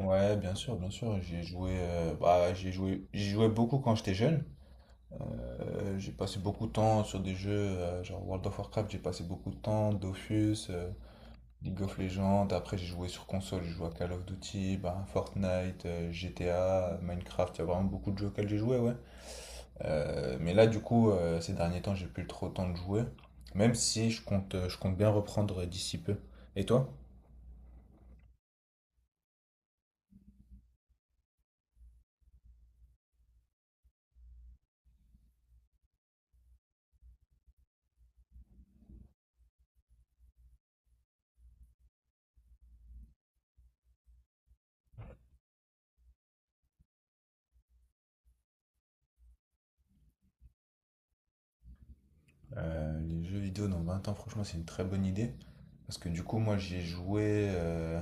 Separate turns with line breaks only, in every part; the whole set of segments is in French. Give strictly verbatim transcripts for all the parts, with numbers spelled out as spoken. Ouais, bien sûr, bien sûr. J'y ai joué, euh, bah, j'y ai joué, j'y jouais beaucoup quand j'étais jeune. Euh, j'ai passé beaucoup de temps sur des jeux, euh, genre World of Warcraft, j'ai passé beaucoup de temps, Dofus, euh, League of Legends. Après, j'ai joué sur console, j'ai joué à Call of Duty, bah, Fortnite, euh, G T A, Minecraft. Il y a vraiment beaucoup de jeux auxquels j'ai joué, ouais. Euh, mais là, du coup, euh, ces derniers temps, j'ai plus trop le temps de jouer. Même si je compte, euh, je compte bien reprendre d'ici peu. Et toi? Euh, les jeux vidéo dans vingt ans, franchement, c'est une très bonne idée. Parce que du coup, moi, j'ai joué. euh,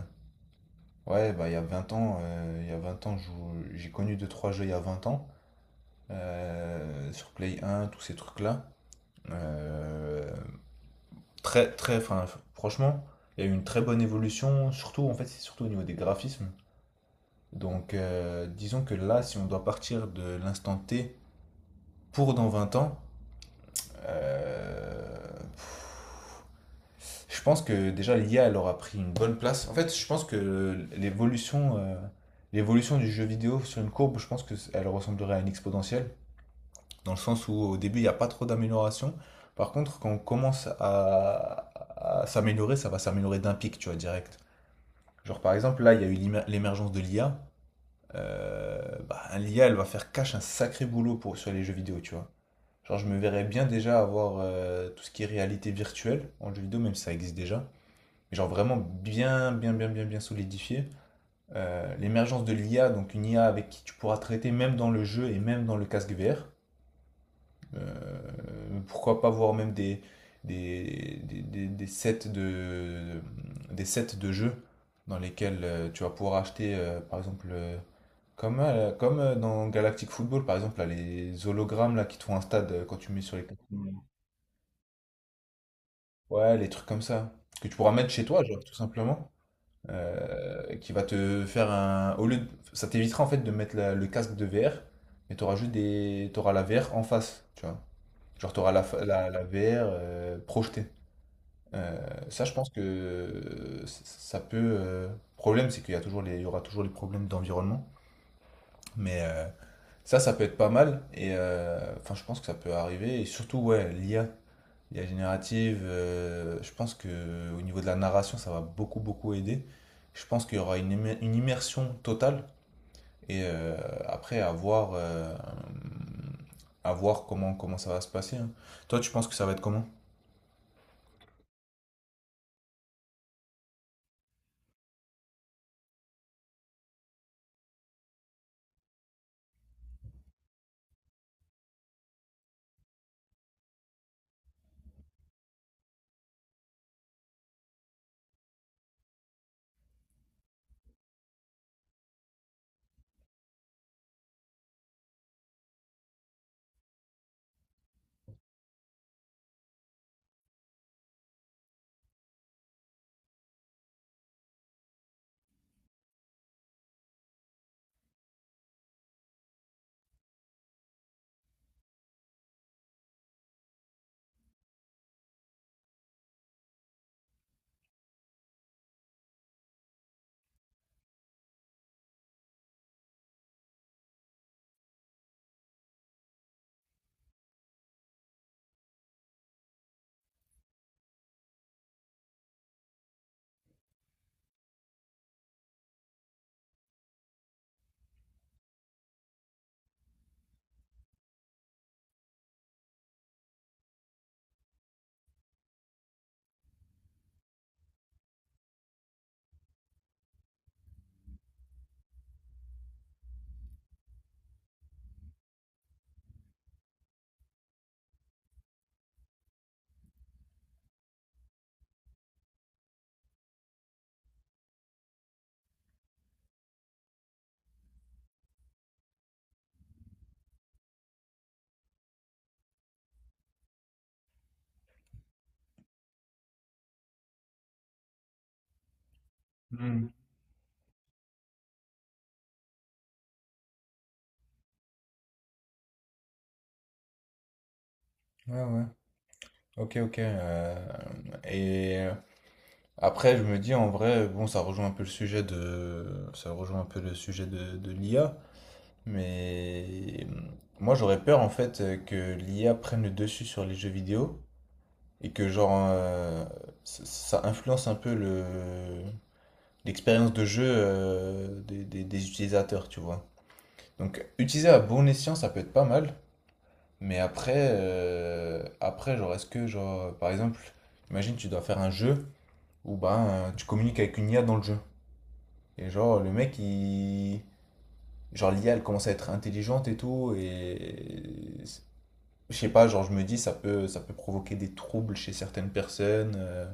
Ouais, bah, il y a vingt ans, euh, il y a vingt ans, je jou- j'ai connu deux trois jeux il y a vingt ans. euh, sur Play un, tous ces trucs-là. Euh, très, très, enfin, f- franchement, il y a eu une très bonne évolution. Surtout, en fait, c'est surtout au niveau des graphismes. Donc, euh, disons que là, si on doit partir de l'instant T pour dans vingt ans, euh, Je pense que déjà l'I A elle aura pris une bonne place. En fait, je pense que l'évolution euh, l'évolution du jeu vidéo sur une courbe, je pense que c- elle ressemblerait à une exponentielle, dans le sens où au début il n'y a pas trop d'amélioration. Par contre, quand on commence à, à s'améliorer, ça va s'améliorer d'un pic, tu vois, direct. Genre par exemple, là il y a eu l'ima- l'émergence de l'I A. Euh, bah, l'I A elle va faire cache un sacré boulot pour, sur les jeux vidéo, tu vois. Genre je me verrais bien déjà avoir euh, tout ce qui est réalité virtuelle en jeu vidéo, même si ça existe déjà mais genre vraiment bien, bien, bien, bien, bien solidifié. Euh, L'émergence de l'I A, donc une I A avec qui tu pourras traiter même dans le jeu et même dans le casque V R. Euh, Pourquoi pas voir même des, des, des, des, des sets, de, des sets de jeux dans lesquels euh, tu vas pouvoir acheter, euh, par exemple, euh, comme, euh, comme euh, dans Galactic Football, par exemple, là, les hologrammes là, qui te font un stade euh, quand tu mets sur les... Ouais, les trucs comme ça, que tu pourras mettre chez toi, genre, tout simplement. Euh, qui va te faire un. Au lieu de- Ça t'évitera en fait de mettre la- le casque de V R, mais t'auras juste des. T'auras la V R en face, tu vois. Genre t'auras la, fa- la, la V R euh, projetée. Euh, Ça, je pense que euh, c- ça peut. Euh, Problème, c'est qu'il y a toujours les... il y aura toujours les problèmes d'environnement, mais euh, ça, ça peut être pas mal. Et euh, enfin, je pense que ça peut arriver. Et surtout, ouais, l'I A l'I A générative, euh, je pense que au niveau de la narration, ça va beaucoup beaucoup aider. Je pense qu'il y aura une, immer- une immersion totale et euh, après à voir, euh, à voir comment comment ça va se passer, hein. Toi, tu penses que ça va être comment? Hmm. Ouais, ouais. Ok, ok. euh, et euh, Après, je me dis en vrai, bon, ça rejoint un peu le sujet de, ça rejoint un peu le sujet de, de l'I A, mais euh, moi j'aurais peur en fait euh, que l'I A prenne le dessus sur les jeux vidéo et que genre euh, ça ça influence un peu le l'expérience de jeu euh, des, des- des utilisateurs, tu vois. Donc utiliser à bon escient, ça peut être pas mal, mais après euh, après genre est-ce que genre par exemple, imagine tu dois faire un jeu où ben tu communiques avec une I A dans le jeu et genre le mec il genre l'I A elle commence à être intelligente et tout et je sais pas, genre je me dis ça peut ça peut provoquer des troubles chez certaines personnes euh,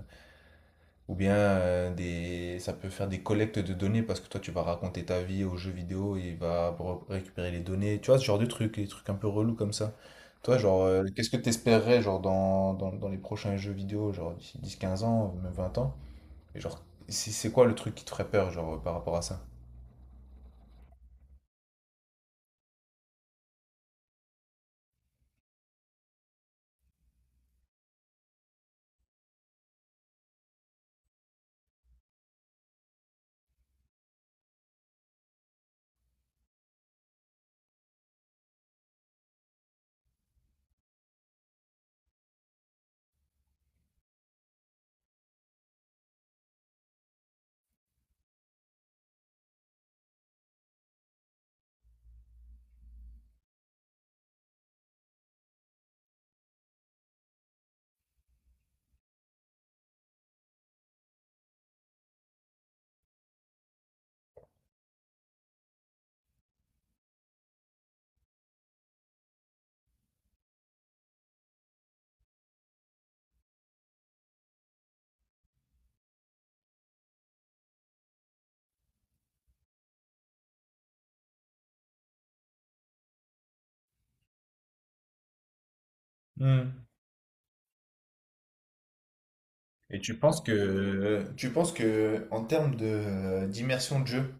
Ou bien euh, des... ça peut faire des collectes de données parce que toi tu vas raconter ta vie aux jeux vidéo et il va re- récupérer les données. Tu vois, ce genre de trucs, des trucs un peu relous comme ça. Toi, genre, euh, qu'est-ce que t'espérerais genre dans, dans, dans les prochains jeux vidéo, genre d'ici dix quinze ans, même vingt ans? Et genre, c'est c'est quoi le truc qui te ferait peur, genre, par rapport à ça? Hmm. Et tu penses que tu penses que en termes de euh, d'immersion de jeu,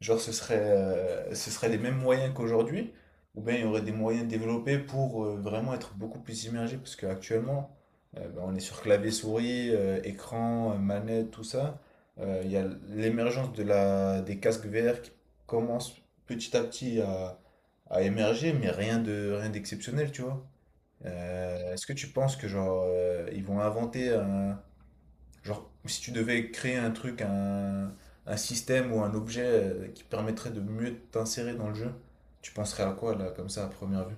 genre, ce serait, euh, ce serait les mêmes moyens qu'aujourd'hui, ou bien il y aurait des moyens développés pour euh, vraiment être beaucoup plus immergé, parce qu'actuellement, euh, ben, on est sur clavier souris, euh, écran, euh, manette, tout ça. Euh, Il y a l'émergence de la, des casques V R qui commence petit à petit à, à émerger, mais rien de, rien d'exceptionnel, tu vois. Euh, est-ce que tu penses que genre euh, ils vont inventer un, genre, si tu devais créer un truc, un, un système ou un objet euh, qui permettrait de mieux t'insérer dans le jeu, tu penserais à quoi là, comme ça, à première vue?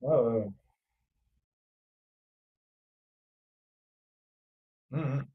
Ouais, ouais, ouais. Mhm.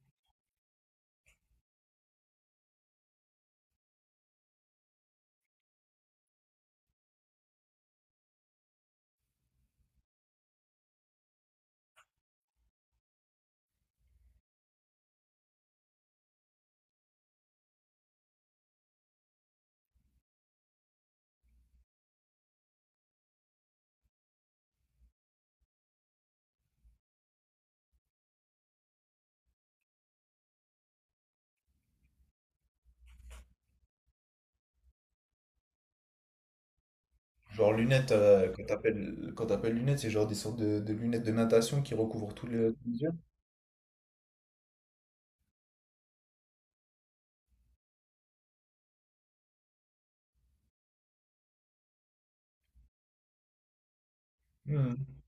Genre lunettes, euh, quand t'appelles, quand t'appelles lunettes, c'est genre des sortes de, de lunettes de natation qui recouvrent tous les, tous les yeux. Mhm.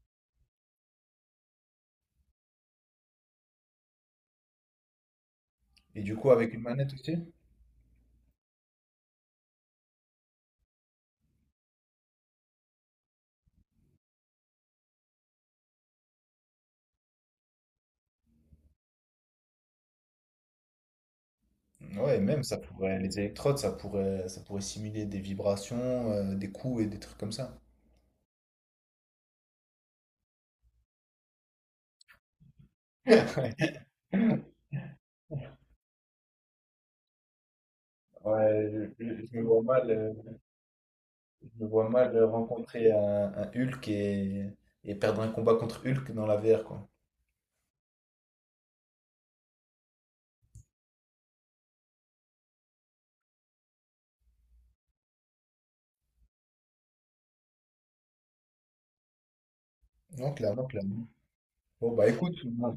Et du coup, avec une manette aussi? Ouais, même ça pourrait, les électrodes, ça pourrait, ça pourrait simuler des vibrations, euh, des coups et des trucs comme ça. Ouais, je, je- je me vois mal. Je vois mal rencontrer un, un Hulk et, et perdre un combat contre Hulk dans la V R, quoi. Non, clairement, clairement. Bon, bah écoute, moi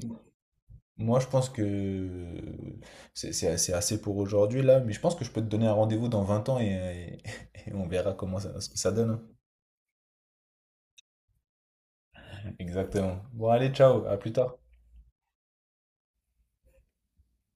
moi, je pense que c'est c'est assez, assez pour aujourd'hui là, mais je pense que je peux te donner un rendez-vous dans vingt ans et, et- et on verra comment ça, ce que ça donne, hein. Exactement. Bon, allez, ciao, à plus tard.